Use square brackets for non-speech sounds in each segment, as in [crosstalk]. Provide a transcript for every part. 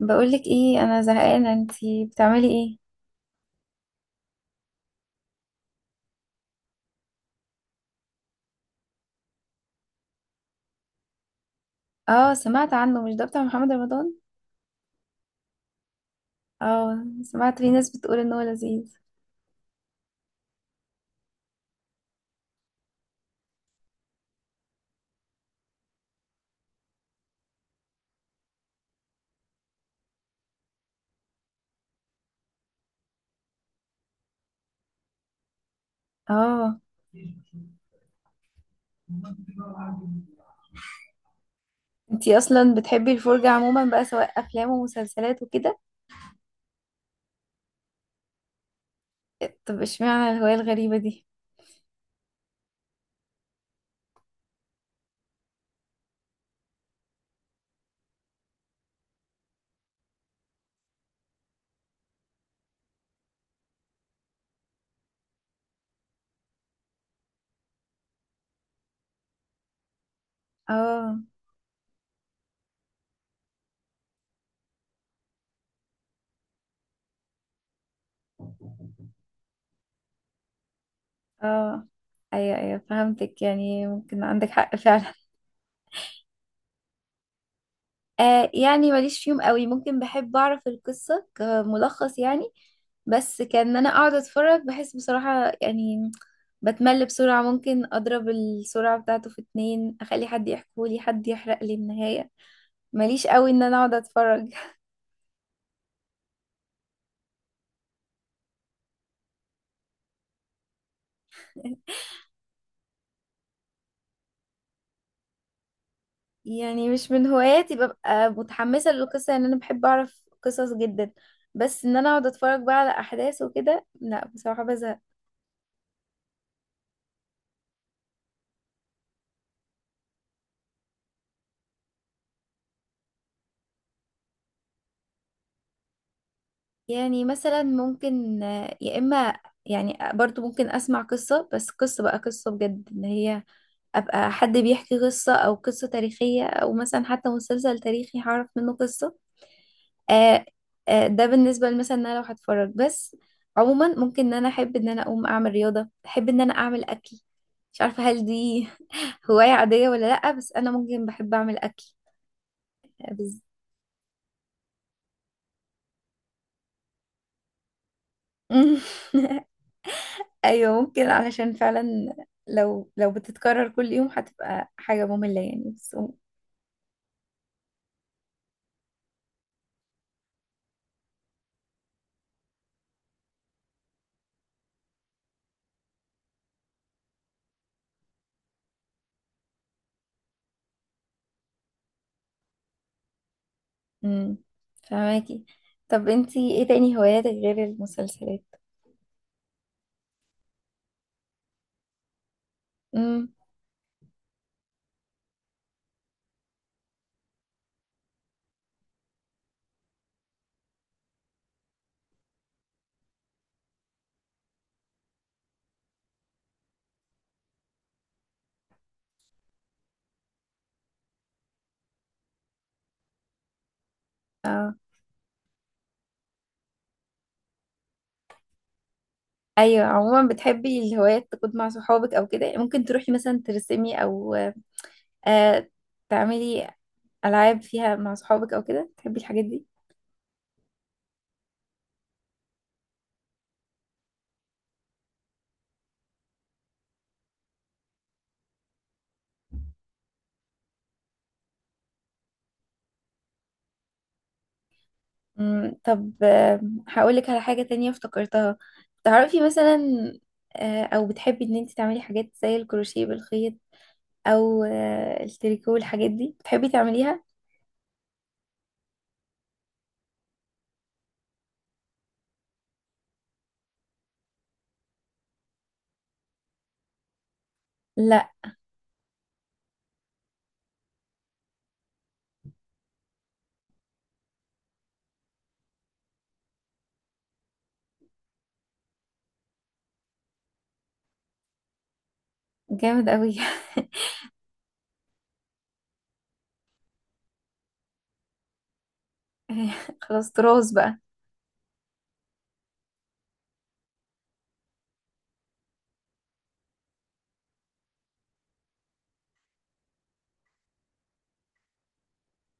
بقولك ايه، انا زهقانه، انتي بتعملي ايه؟ اه، سمعت عنه. مش ده بتاع محمد رمضان؟ اه، سمعت في ناس بتقول ان هو لذيذ. اه. انتي اصلا بتحبي الفرجه عموما بقى، سواء افلام ومسلسلات وكده؟ طب اشمعنى الهوايه الغريبه دي؟ اه، اه. ايوه ايوه، فهمتك، يعني ممكن عندك حق فعلا. آه، يعني ماليش فيهم قوي، ممكن بحب اعرف القصه كملخص يعني، بس كان إن انا اقعد اتفرج بحس بصراحة، يعني بتمل بسرعة. ممكن اضرب السرعة بتاعته في 2، اخلي حد يحكولي، حد يحرق لي النهاية. ماليش قوي ان انا اقعد اتفرج. [laughs] يعني مش من هواياتي ببقى متحمسة للقصة، يعني أنا بحب أعرف قصص جدا، بس إن أنا أقعد أتفرج بقى على أحداث وكده، لا بصراحة بزهق. يعني مثلا ممكن، يا إما، يعني برضو ممكن أسمع قصة، بس قصة بقى، قصة بجد إن هي ابقى حد بيحكي قصة، او قصة تاريخية، او مثلا حتى مسلسل تاريخي هعرف منه قصة. آه. ده بالنسبة مثلا ان انا لو هتفرج بس. عموما ممكن ان انا احب ان انا اقوم اعمل رياضة، احب ان انا اعمل اكل. مش عارفة هل دي [laughs] هواية عادية ولا لأ، بس انا ممكن بحب اعمل اكل. بز... [laughs] ايوه ممكن، علشان فعلا لو بتتكرر كل يوم هتبقى حاجة مملة يعني، بس. امم فهماكي. طب انتي ايه تاني هواياتك غير المسلسلات؟ امم اه. ايوه، عموما بتحبي الهوايات تكون مع صحابك او كده؟ ممكن تروحي مثلا ترسمي او آه تعملي العاب فيها مع صحابك او كده، تحبي الحاجات دي؟ طب، هقولك على حاجة تانية افتكرتها. تعرفي مثلا، او بتحبي ان انتي تعملي حاجات زي الكروشيه بالخيط، او التريكو والحاجات دي بتحبي تعمليها؟ لا، جامد قوي. [laughs] خلاص، تراث بقى.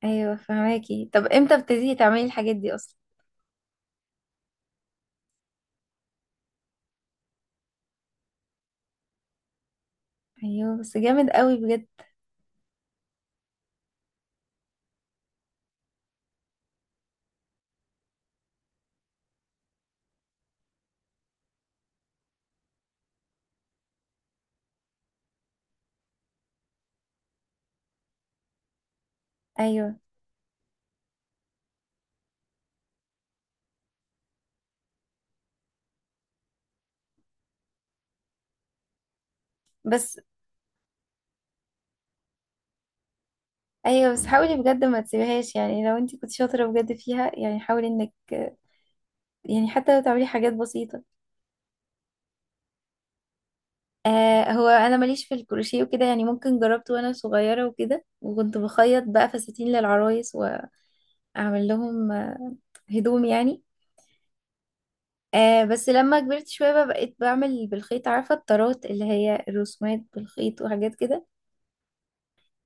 ايوه، فهماكي. طب امتى بتبتدي تعملي الحاجات دي اصلا؟ ايوه، بس جامد قوي بجد. ايوه بس ايوه بس حاولي بجد ما تسيبهاش يعني، لو انت كنت شاطره بجد فيها يعني، حاولي انك يعني حتى لو تعملي حاجات بسيطه. هو انا ماليش في الكروشيه وكده، يعني ممكن جربت وانا صغيره وكده، وكنت بخيط بقى فساتين للعرايس، واعمل لهم هدوم يعني. بس لما كبرت شويه بقى، بقيت بعمل بالخيط، عارفه الطرات اللي هي الرسومات بالخيط وحاجات كده.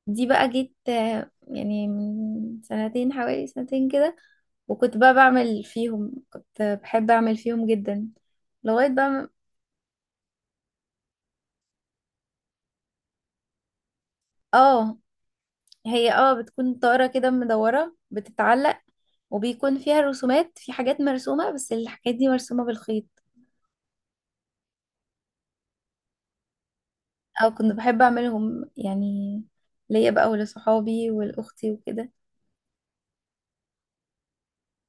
دي بقى جيت يعني من سنتين، حوالي سنتين كده. وكنت بقى بعمل فيهم، كنت بحب اعمل فيهم جدا لغاية بقى اه. هي بتكون طارة كده مدورة بتتعلق، وبيكون فيها رسومات، في حاجات مرسومة بس الحاجات دي مرسومة بالخيط. او كنت بحب اعملهم يعني ليا بقى ولصحابي ولأختي وكده.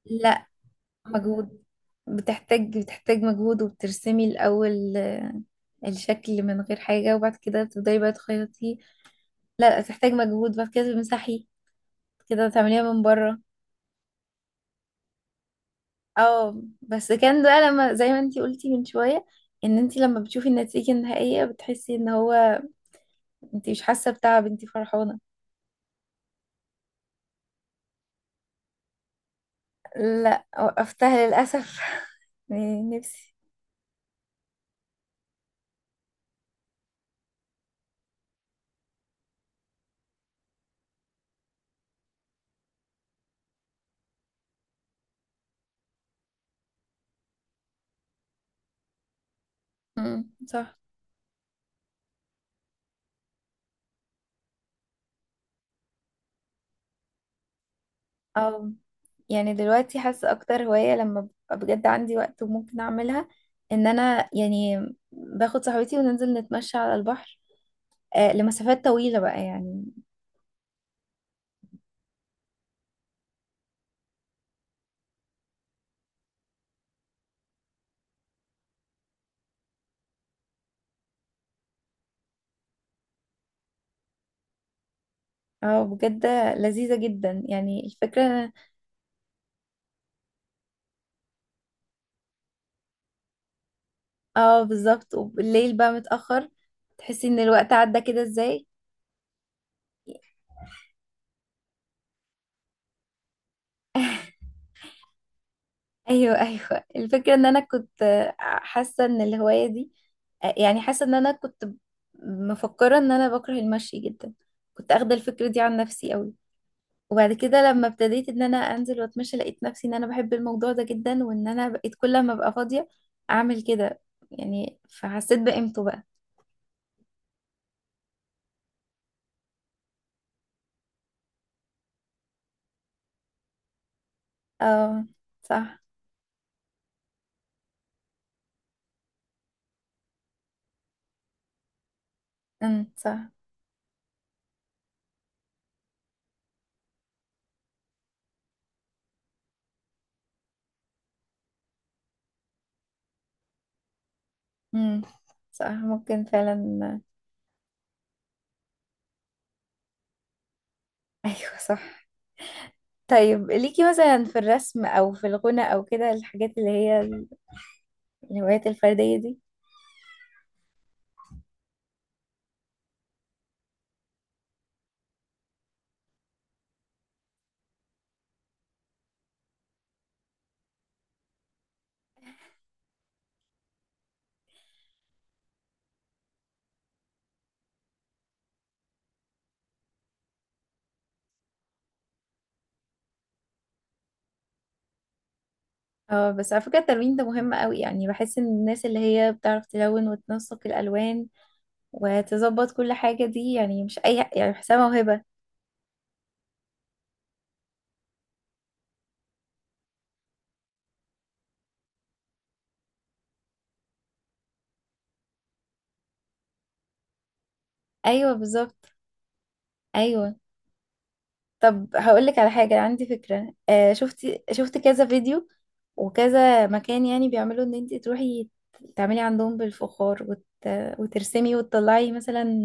لا، مجهود، بتحتاج مجهود، وبترسمي الأول الشكل من غير حاجة، وبعد كده تبدأي بقى تخيطي، لا تحتاج مجهود، بعد كده تمسحي، بعد كده تعمليها من بره. اه، بس كان ده لما زي ما انتي قلتي من شوية، ان انتي لما بتشوفي النتيجة النهائية بتحسي ان هو انتي مش حاسة بتعب، انتي فرحانة. لا، وقفتها للأسف. [laughs] نفسي. مم، صح. اه، يعني دلوقتي حاسة اكتر هواية لما ببقى بجد عندي وقت وممكن اعملها، ان انا يعني باخد صاحبتي وننزل نتمشى على البحر لمسافات طويلة بقى يعني. اه بجد، لذيذة جدا يعني الفكرة. اه، بالظبط. وبالليل بقى متأخر تحسي ان الوقت عدى كده ازاي. [laughs] ايوه ايوه، الفكره ان انا كنت حاسه ان الهوايه دي، يعني حاسه ان انا كنت مفكره ان انا بكره المشي جدا. كنت اخده الفكره دي عن نفسي قوي. وبعد كده لما ابتديت ان انا انزل واتمشى، لقيت نفسي ان انا بحب الموضوع ده جدا، وان انا بقيت كل ما ابقى فاضيه اعمل كده، يعني فحسيت بقيمته بقى. اه صح. صح. امم صح ممكن فعلا. [laughs] ايوه صح. طيب ليكي مثلا في الرسم او في الغنى او كده الحاجات اللي هي الهوايات الفردية دي؟ اه، بس على فكرة التلوين ده مهم قوي، يعني بحس ان الناس اللي هي بتعرف تلون وتنسق الالوان وتظبط كل حاجة دي، يعني مش اي يعني، بحسها موهبة. ايوه بالظبط. ايوه، طب هقولك على حاجة، عندي فكرة. شفت كذا فيديو وكذا مكان يعني بيعملوا ان انت تروحي تعملي عندهم بالفخار وترسمي وتطلعي مثلا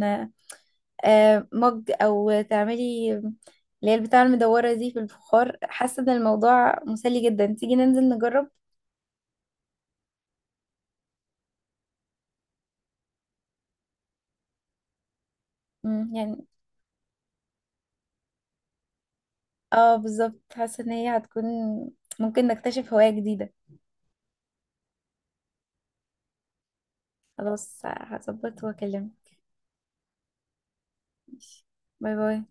مج، او تعملي اللي هي البتاعة المدورة دي في الفخار. حاسة ان الموضوع مسلي جدا، تيجي ننزل نجرب؟ مم، يعني اه بالظبط. حاسة ان هي هتكون ممكن نكتشف هواية جديدة. خلاص، هظبط واكلمك. ماشي. باي باي.